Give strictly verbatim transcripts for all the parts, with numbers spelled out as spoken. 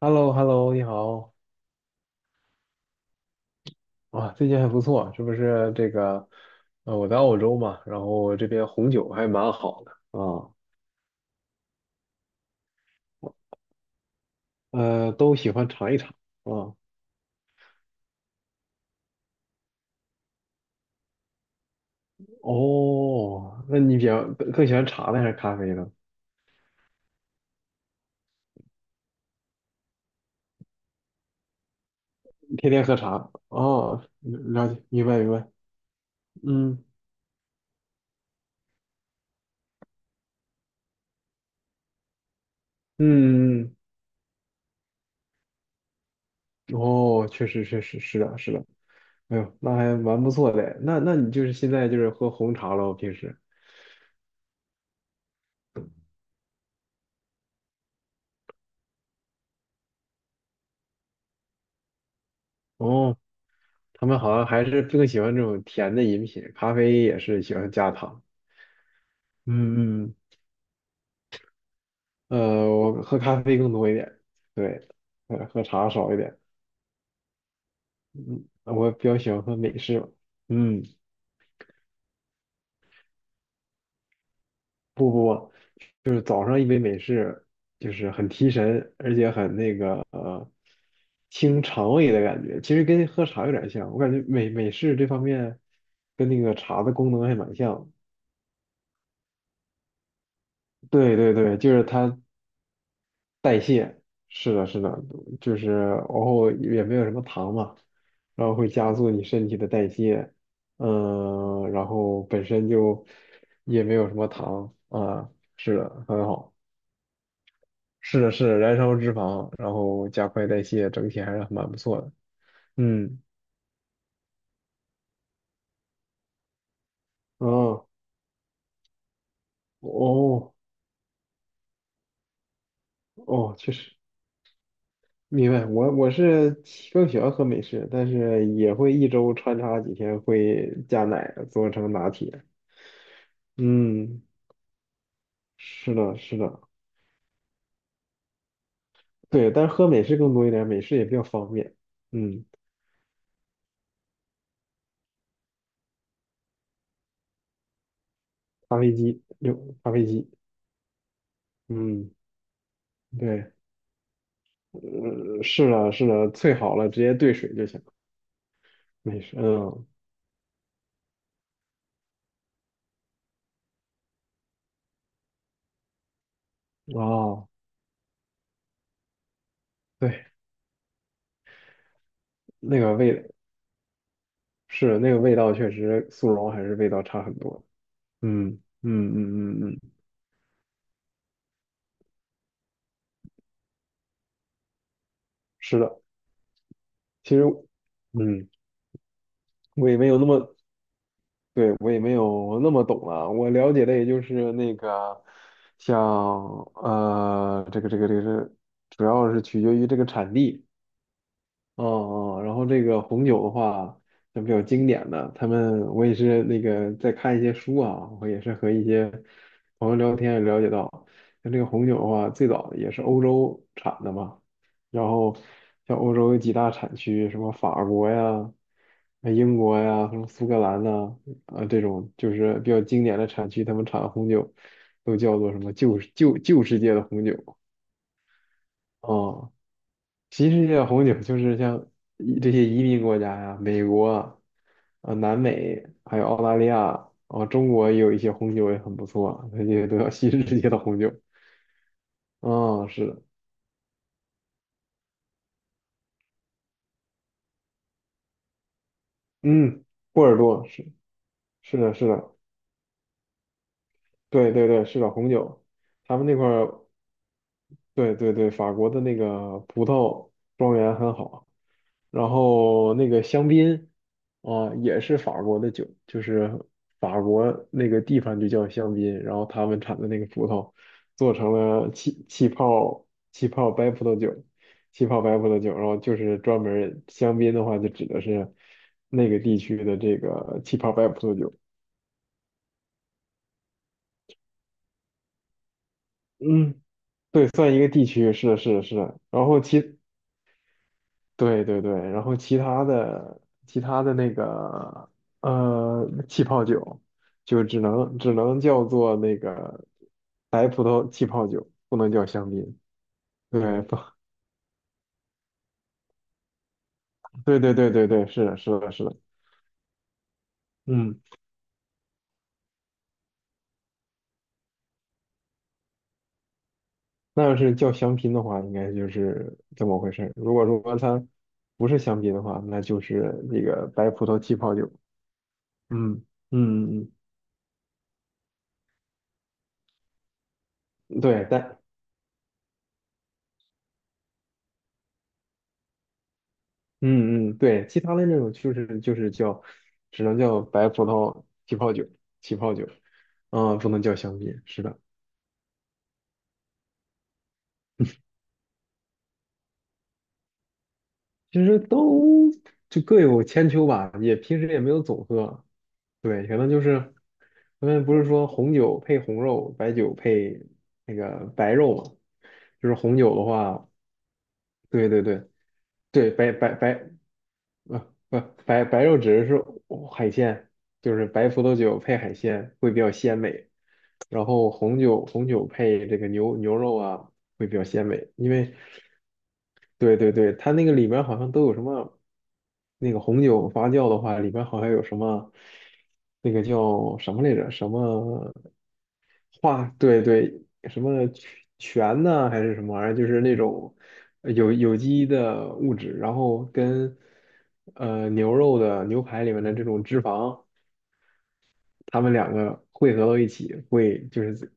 h e l l o h e l l o 你好，啊，最近还不错，是不是这个，呃，我在澳洲嘛，然后这边红酒还蛮好的啊，呃，都喜欢尝一尝啊。哦，那你比较更喜欢茶呢还是咖啡呢？天天喝茶啊？了解，明白明白，嗯嗯，嗯嗯哦，确实确实是的是的，哎呦，那还蛮不错的，那那你就是现在就是喝红茶喽，平时。哦，他们好像还是更喜欢这种甜的饮品，咖啡也是喜欢加糖。嗯嗯，呃，我喝咖啡更多一点，对，呃，喝茶少一点。嗯，我比较喜欢喝美式吧嗯，不不不，就是早上一杯美式，就是很提神，而且很那个呃，清肠胃的感觉。其实跟喝茶有点像，我感觉美美式这方面跟那个茶的功能还蛮像。对对对，就是它代谢，是的，是的，就是然后也没有什么糖嘛，然后会加速你身体的代谢，嗯，然后本身就也没有什么糖啊，是的，很好，是的，是的，燃烧脂肪，然后加快代谢，整体还是蛮不错的，嗯，哦，哦，哦，确实。明白，我我是更喜欢喝美式，但是也会一周穿插几天会加奶做成拿铁。嗯，是的，是的，对，但是喝美式更多一点，美式也比较方便。嗯，咖啡机，有咖啡机，嗯，对，呃，是的，是的，萃好了直接兑水就行。美式，嗯，哦，对，那个味是那个味道，确实速溶还是味道差很多。嗯嗯嗯嗯嗯，是的，其实，嗯，我也没有那么。对，我也没有那么懂了，我了解的也就是那个，像呃，这个这个这个是，主要是取决于这个产地。哦哦，然后这个红酒的话，像比较经典的，他们我也是那个在看一些书啊，我也是和一些朋友聊天也了解到，像这个红酒的话，最早也是欧洲产的嘛，然后像欧洲有几大产区，什么法国呀、呃英国呀、什么苏格兰呐、啊，这种就是比较经典的产区，他们产的红酒都叫做什么旧旧旧世界的红酒啊。哦其实像红酒，就是像移这些移民国家呀、美国啊、呃南美，还有澳大利亚啊、中国也有一些红酒也很不错，那些都叫新世界的红酒。啊、是的，嗯，波尔多是是的，是的，对对对，是的，红酒，他们那块儿对对对，法国的那个葡萄庄园很好，然后那个香槟啊，也是法国的酒，就是法国那个地方就叫香槟，然后他们产的那个葡萄做成了气气泡气泡白葡萄酒，气泡白葡萄酒，然后就是专门儿香槟的话，就指的是那个地区的这个气泡白葡萄酒。嗯，对，算一个地区，是的，是的，是的。然后其对对对，然后其他的其他的那个呃气泡酒，就只能只能叫做那个白葡萄气泡酒，不能叫香槟。对，不，对对对对对，是的，是的，是的，嗯，那要是叫香槟的话，应该就是这么回事儿。如果说它不是香槟的话，那就是那个白葡萄气泡酒。嗯嗯嗯，嗯对，但嗯嗯，对，其他的那种就是就是叫，只能叫白葡萄起泡酒，起泡酒，啊、不能叫香槟，是的，其实都就各有千秋吧，也平时也没有总喝，对，可能就是我们不是说红酒配红肉，白酒配那个白肉嘛，就是红酒的话，对对对对，白白白啊不白白肉指的是海鲜，就是白葡萄酒配海鲜会比较鲜美。然后红酒红酒配这个牛牛肉啊，会比较鲜美。因为，对对对，它那个里边好像都有什么，那个红酒发酵的话，里边好像有什么，那个叫什么来着？什么化？对对，什么醛呐、还是什么玩意儿？就是那种呃有有机的物质，然后跟呃牛肉的牛排里面的这种脂肪。他们两个汇合到一起会就是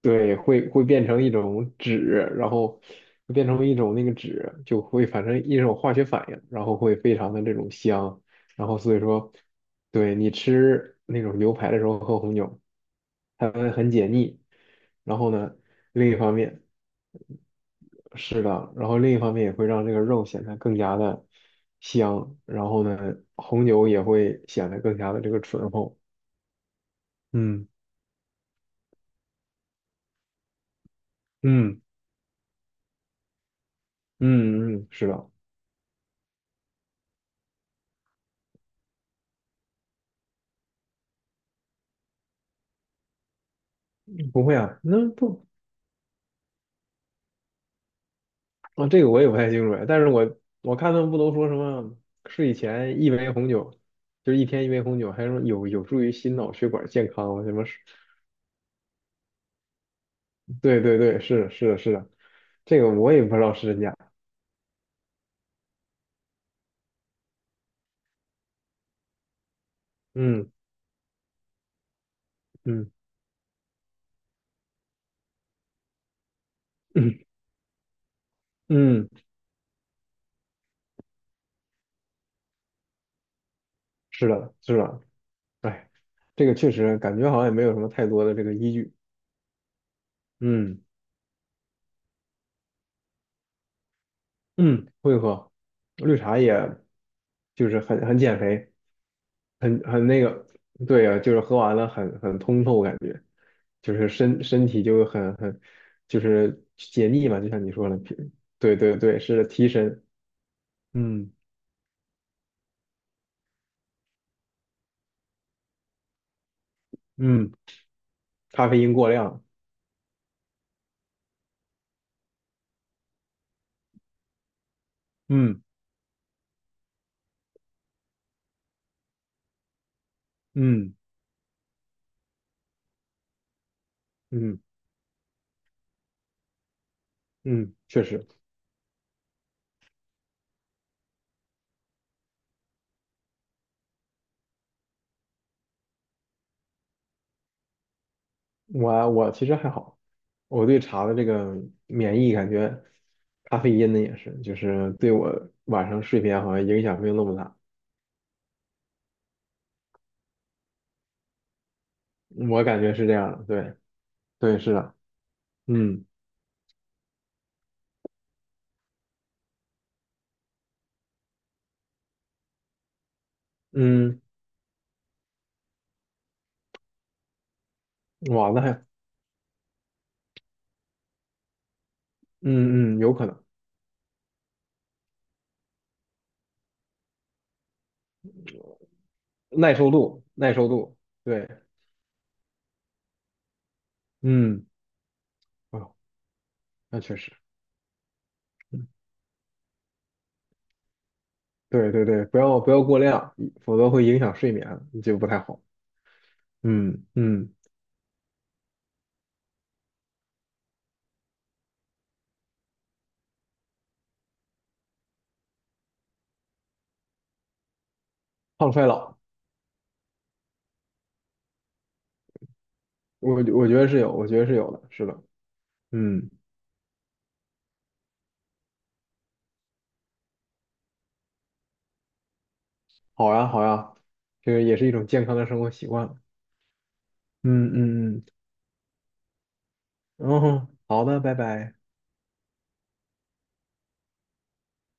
对会会变成一种酯，然后会变成一种那个酯就会反正一种化学反应，然后会非常的这种香，然后所以说对你吃那种牛排的时候喝红酒，它会很解腻，然后呢另一方面是的，然后另一方面也会让这个肉显得更加的香，然后呢红酒也会显得更加的这个醇厚，嗯嗯。嗯嗯，是的，不会啊，那不啊，这个我也不太清楚哎，但是我我看他们不都说什么睡前一杯红酒，就是一天一杯红酒，还说有有助于心脑血管健康啊，什么是对对对，是是的是的，这个我也不知道是真假，嗯嗯嗯嗯，是的是的，哎，这个确实感觉好像也没有什么太多的这个依据，嗯嗯，会喝绿茶也就是很很减肥。很很那个，对啊，就是喝完了很很通透，感觉就是身身体就很很就是解腻嘛，就像你说的，提对对对，是的提神，嗯嗯，咖啡因过量，嗯嗯嗯嗯，确实，我我其实还好，我对茶的这个免疫感觉，咖啡因呢也是，就是对我晚上睡眠好像影响没有那么大，我感觉是这样的，对对是的，嗯嗯，哇，那还。嗯嗯，有可能，耐受度，耐受度，对，嗯，哦，那确实，嗯，对对对，不要不要过量，否则会影响睡眠，就不太好。嗯嗯，抗衰老，我我觉得是有，我觉得是有的，是的，嗯，好呀好呀，这个也是一种健康的生活习惯。嗯嗯嗯，然后好的，拜拜。